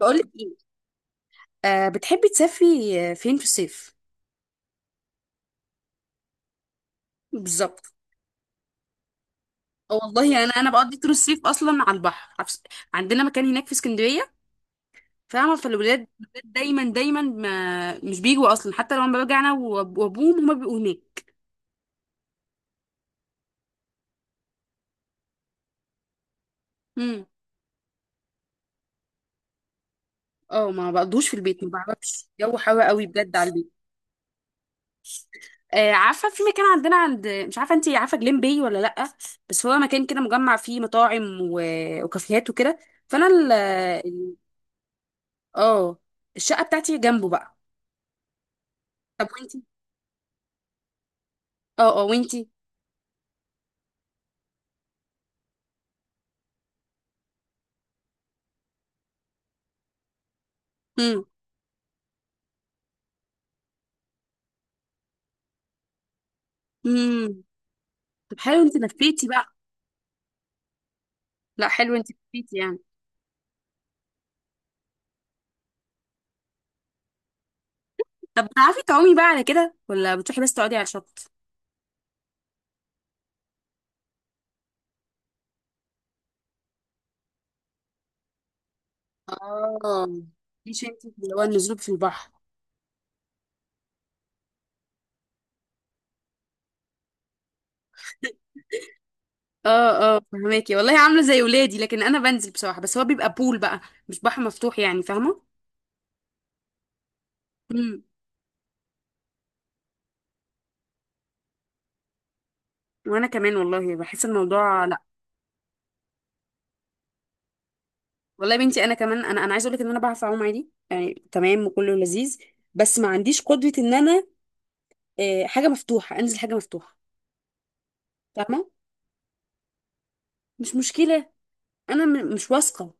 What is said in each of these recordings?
بقولك ايه؟ بتحبي تسافري؟ فين في الصيف؟ بالظبط. والله انا بقضي طول الصيف اصلا على البحر عندنا مكان هناك في اسكندريه، فاهمه. فالولاد دايما دايما ما مش بيجوا اصلا، حتى لما برجع انا وابوهم هما بيبقوا هناك. امم اه ما بقضوش في البيت، ما بعرفش، جو حر قوي بجد على البيت. آه، عارفه في مكان عندنا مش عارفه انت عارفه جليم باي ولا لا. بس هو مكان كده مجمع فيه مطاعم وكافيهات وكده. فانا ال- اه الشقه بتاعتي جنبه بقى. طب وانتي؟ اه، اه، وانتي؟ امم امم طب حلو، انت لفيتي بقى. لا حلو، انت لفيتي يعني. طب بتعرفي تعومي بقى على كده، ولا بتروحي بس تقعدي على الشط؟ اه، مش انت اللي هو النزول في البحر. اه، اه فهماكي والله، عامله زي ولادي، لكن انا بنزل بصراحه، بس هو بيبقى بول بقى، مش بحر مفتوح، يعني فاهمه. امم وانا كمان والله بحس الموضوع لا. والله يا بنتي انا كمان، انا انا عايزه اقول لك ان انا بعرف اعوم عادي يعني، تمام وكله لذيذ، بس ما عنديش قدره ان انا آه، حاجه مفتوحه، انزل حاجه مفتوحه، فاهمه. مش مشكله، انا مش واثقه.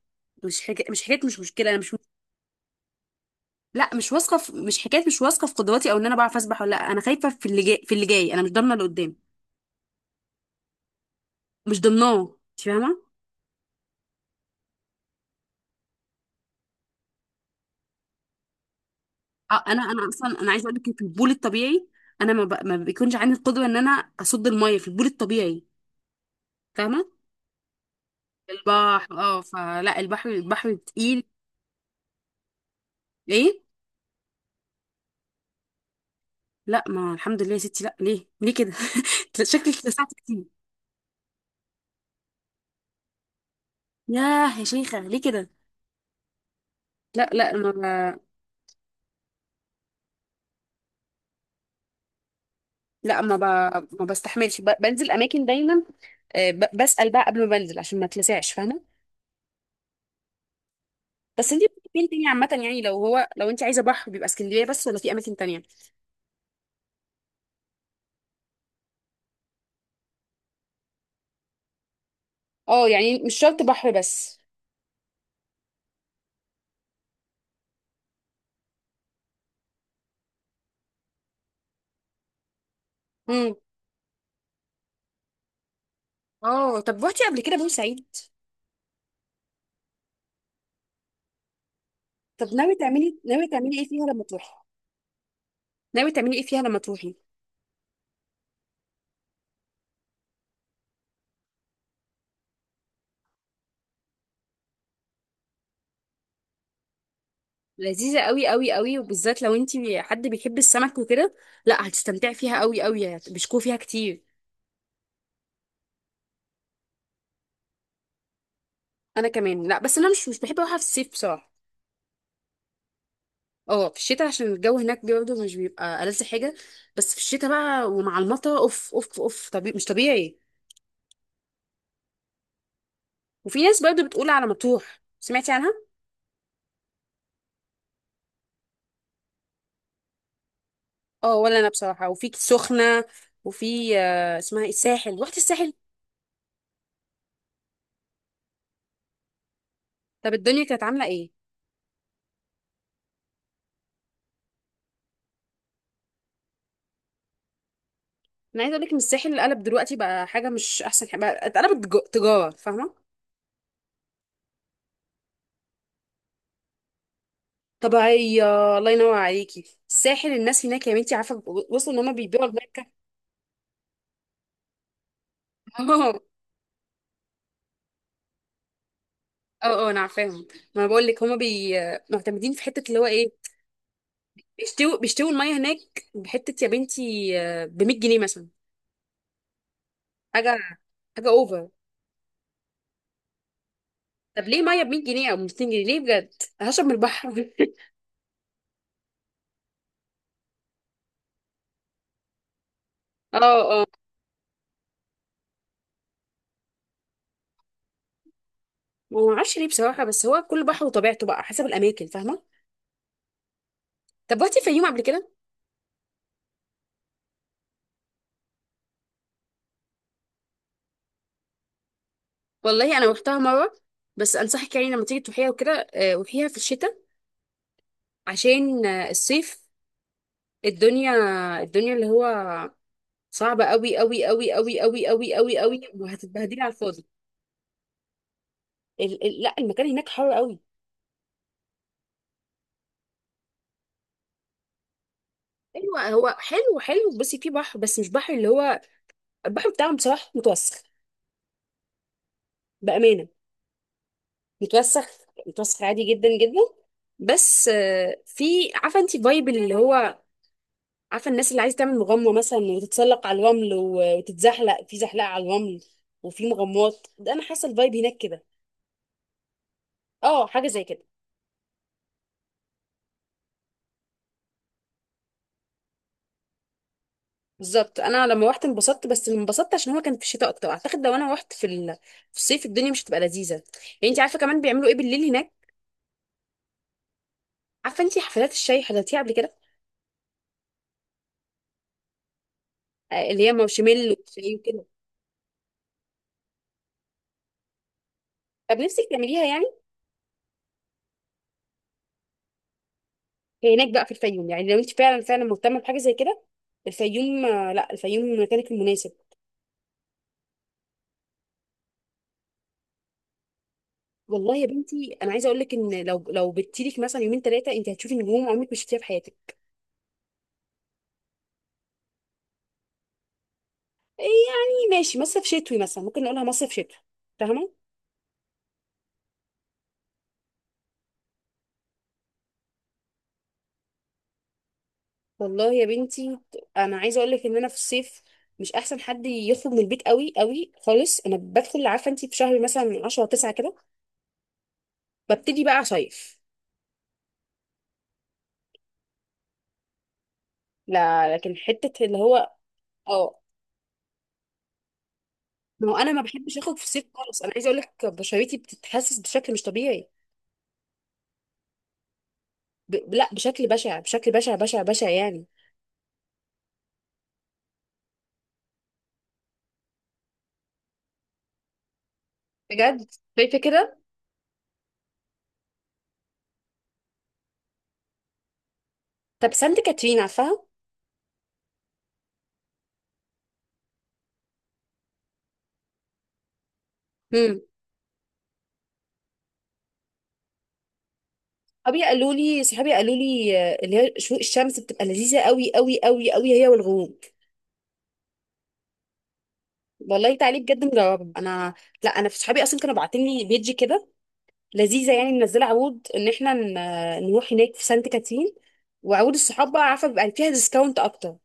مش حكايه، مش مشكله، انا مش. لا مش واثقه مش حكايه، مش واثقه في قدراتي او ان انا بعرف اسبح ولا لا. انا خايفه في اللي جاي، انا مش ضامنه اللي قدام، مش ضامناه، انت فاهمه. آه، انا انا اصلا انا عايزه اقول لك في البول الطبيعي، انا ما, ب... ما بيكونش عندي القدره ان انا اصد الميه في البول الطبيعي، فاهمه. البحر اه، فلا البحر، البحر تقيل. ايه؟ لا ما الحمد لله يا ستي، لا، ليه ليه كده؟ شكلك اتلسعت كتير. ياه يا شيخه، ليه كده؟ لا لا ما. لا ما بستحملش، بنزل اماكن دايما، آه، بسأل بقى قبل ما بنزل عشان ما اتلسعش، فاهمه. بس انت فين تاني عامه؟ يعني لو هو، لو انت عايزه بحر بيبقى اسكندريه بس، ولا في اماكن تانية؟ اه، يعني مش شرط بحر بس. امم اه طب روحتي قبل كده بورسعيد؟ طب ناوي تعملي، ناوي تعملي ايه فيها لما تروحي ناوي تعملي ايه فيها لما تروحي؟ لذيذه قوي قوي قوي، وبالذات لو انت حد بيحب السمك وكده، لا هتستمتعي فيها قوي قوي، بيشكوا فيها كتير. انا كمان. لا بس انا مش بحب اروحها في الصيف بصراحه. اه في الشتاء، عشان الجو هناك برضه مش بيبقى ألذ حاجة، بس في الشتاء بقى ومع المطر، اوف اوف اوف، طبيعي مش طبيعي. وفي ناس برضه بتقول على مطروح، سمعتي عنها؟ اه، ولا انا بصراحة، وفي سخنة، وفي آه، اسمها ايه، الساحل، رحت الساحل؟ طب الدنيا كانت عاملة ايه؟ انا عايزة اقول لك ان الساحل اللي قلب دلوقتي بقى حاجة مش احسن حاجة، بقى اتقلبت تجارة، فاهمة؟ طبيعية، الله ينور عليكي، الساحل الناس هناك يا بنتي، عارفة وصلوا ان هم بيبيعوا المركب. اه، اه، انا عارفاهم. ما انا بقول لك هما بي، معتمدين في حته اللي هو ايه، بيشتوا الميه هناك بحته يا بنتي، ب 100 جنيه مثلا. حاجه، حاجه اوفر. طب ليه ميه ب 100 جنيه او ب 200 جنيه؟ ليه بجد؟ هشرب من البحر. اه، اه، ما اعرفش ليه بصراحه، بس هو كل بحر وطبيعته بقى، حسب الاماكن، فاهمه. طب رحتي الفيوم قبل كده؟ والله انا روحتها مره، بس انصحك يعني لما تيجي تروحيها وكده آه، روحيها في الشتاء عشان آه، الصيف، الدنيا، الدنيا اللي هو صعبة قوي قوي قوي قوي قوي قوي قوي قوي، وهتتبهدلي على الفاضي. ال ال لا المكان هناك حر قوي. ايوه، هو حلو حلو، بس في بحر، بس مش بحر اللي هو، البحر بتاعهم بصراحة متوسخ، بأمانة، متوسخ، متوسخ عادي جدا جدا. بس آه، في، عارفة انت فايب اللي هو، عارفة الناس اللي عايزة تعمل مغامرة مثلا وتتسلق على الرمل وتتزحلق في زحلقة على الرمل، وفي مغامرات ده، انا حاسة الفايب هناك كده. اه، حاجة زي كده. بالظبط، انا لما روحت انبسطت، بس انبسطت عشان هو كان في الشتاء اكتر، اعتقد لو انا روحت في في الصيف، الدنيا مش هتبقى لذيذه. يعني انت عارفه كمان بيعملوا ايه بالليل هناك؟ عارفه انت حفلات الشاي، حضرتيها قبل كده؟ آه، اللي هي مارشميلو وشاي وكده. طب نفسك تعمليها يعني. هي هناك بقى في الفيوم، يعني لو انت فعلا فعلا مهتمه بحاجه زي كده، الفيوم آه، لا الفيوم مكانك المناسب. والله يا بنتي انا عايزه اقول لك ان لو لو بتيلك مثلا يومين ثلاثه، انت هتشوفي نجوم عمرك ما شفتيها في حياتك. إيه يعني ماشي، مصيف شتوي مثلا، ممكن نقولها مصيف شتوي، فاهمه. والله يا بنتي انا عايزه اقول لك ان انا في الصيف، مش احسن حد يخرج من البيت قوي قوي خالص. انا بدخل، عارفه انت، في شهر مثلا من 10 9 كده، ببتدي بقى صيف. لا لكن حته اللي هو اه، ما هو انا ما بحبش اخرج في الصيف خالص. انا عايزه اقول لك بشرتي بتتحسس بشكل مش طبيعي. لا بشكل بشع، بشكل بشع بشع بشع يعني. بجد، شايفه كده. طب سانت كاترين، عارفاها؟ امم. صحابي قالوا لي، آه، اللي هي شروق الشمس بتبقى لذيذه قوي قوي قوي قوي، هي والغروب. والله تعالي بجد نجربه انا. لا انا في صحابي اصلا كانوا باعتين لي بيجي كده لذيذه، يعني منزله عروض ان احنا نروح هناك في سانت كاترين، وعروض الصحاب بقى، عارفه بيبقى فيها ديسكاونت اكتر،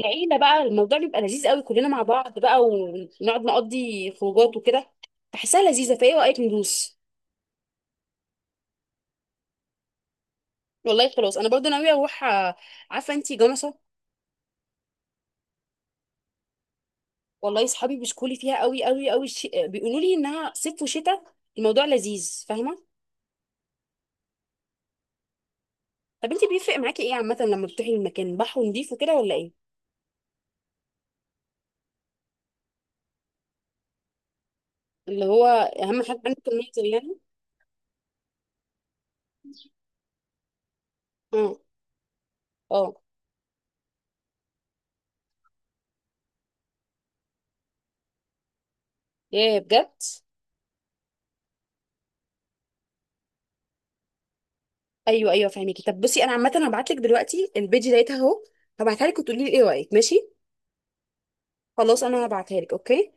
العيله بقى الموضوع بيبقى لذيذ قوي، كلنا مع بعض بقى، ونقعد نقضي خروجات وكده. بحسها لذيذه، فايه رايك ندوس؟ والله خلاص انا برضه ناويه اروح آه، عارفه انتي جمصه. والله صحابي بيشكوا لي فيها قوي قوي قوي، بيقولوا لي انها صيف وشتاء، الموضوع لذيذ، فاهمه. طب انت بيفرق معاكي ايه عامه لما بتروحي المكان، بحر نضيف وكده ولا ايه؟ اللي هو اهم حاجه عندك المنظر يعني. اه، اه. ياه بجد. ايوه، ايوه، فاهمكي. طب بصي، انا عامه هبعت لك دلوقتي البيج ديتها اهو، هبعتها لك وتقولي لي ايه رايك، ماشي. خلاص انا هبعتها لك، اوكي.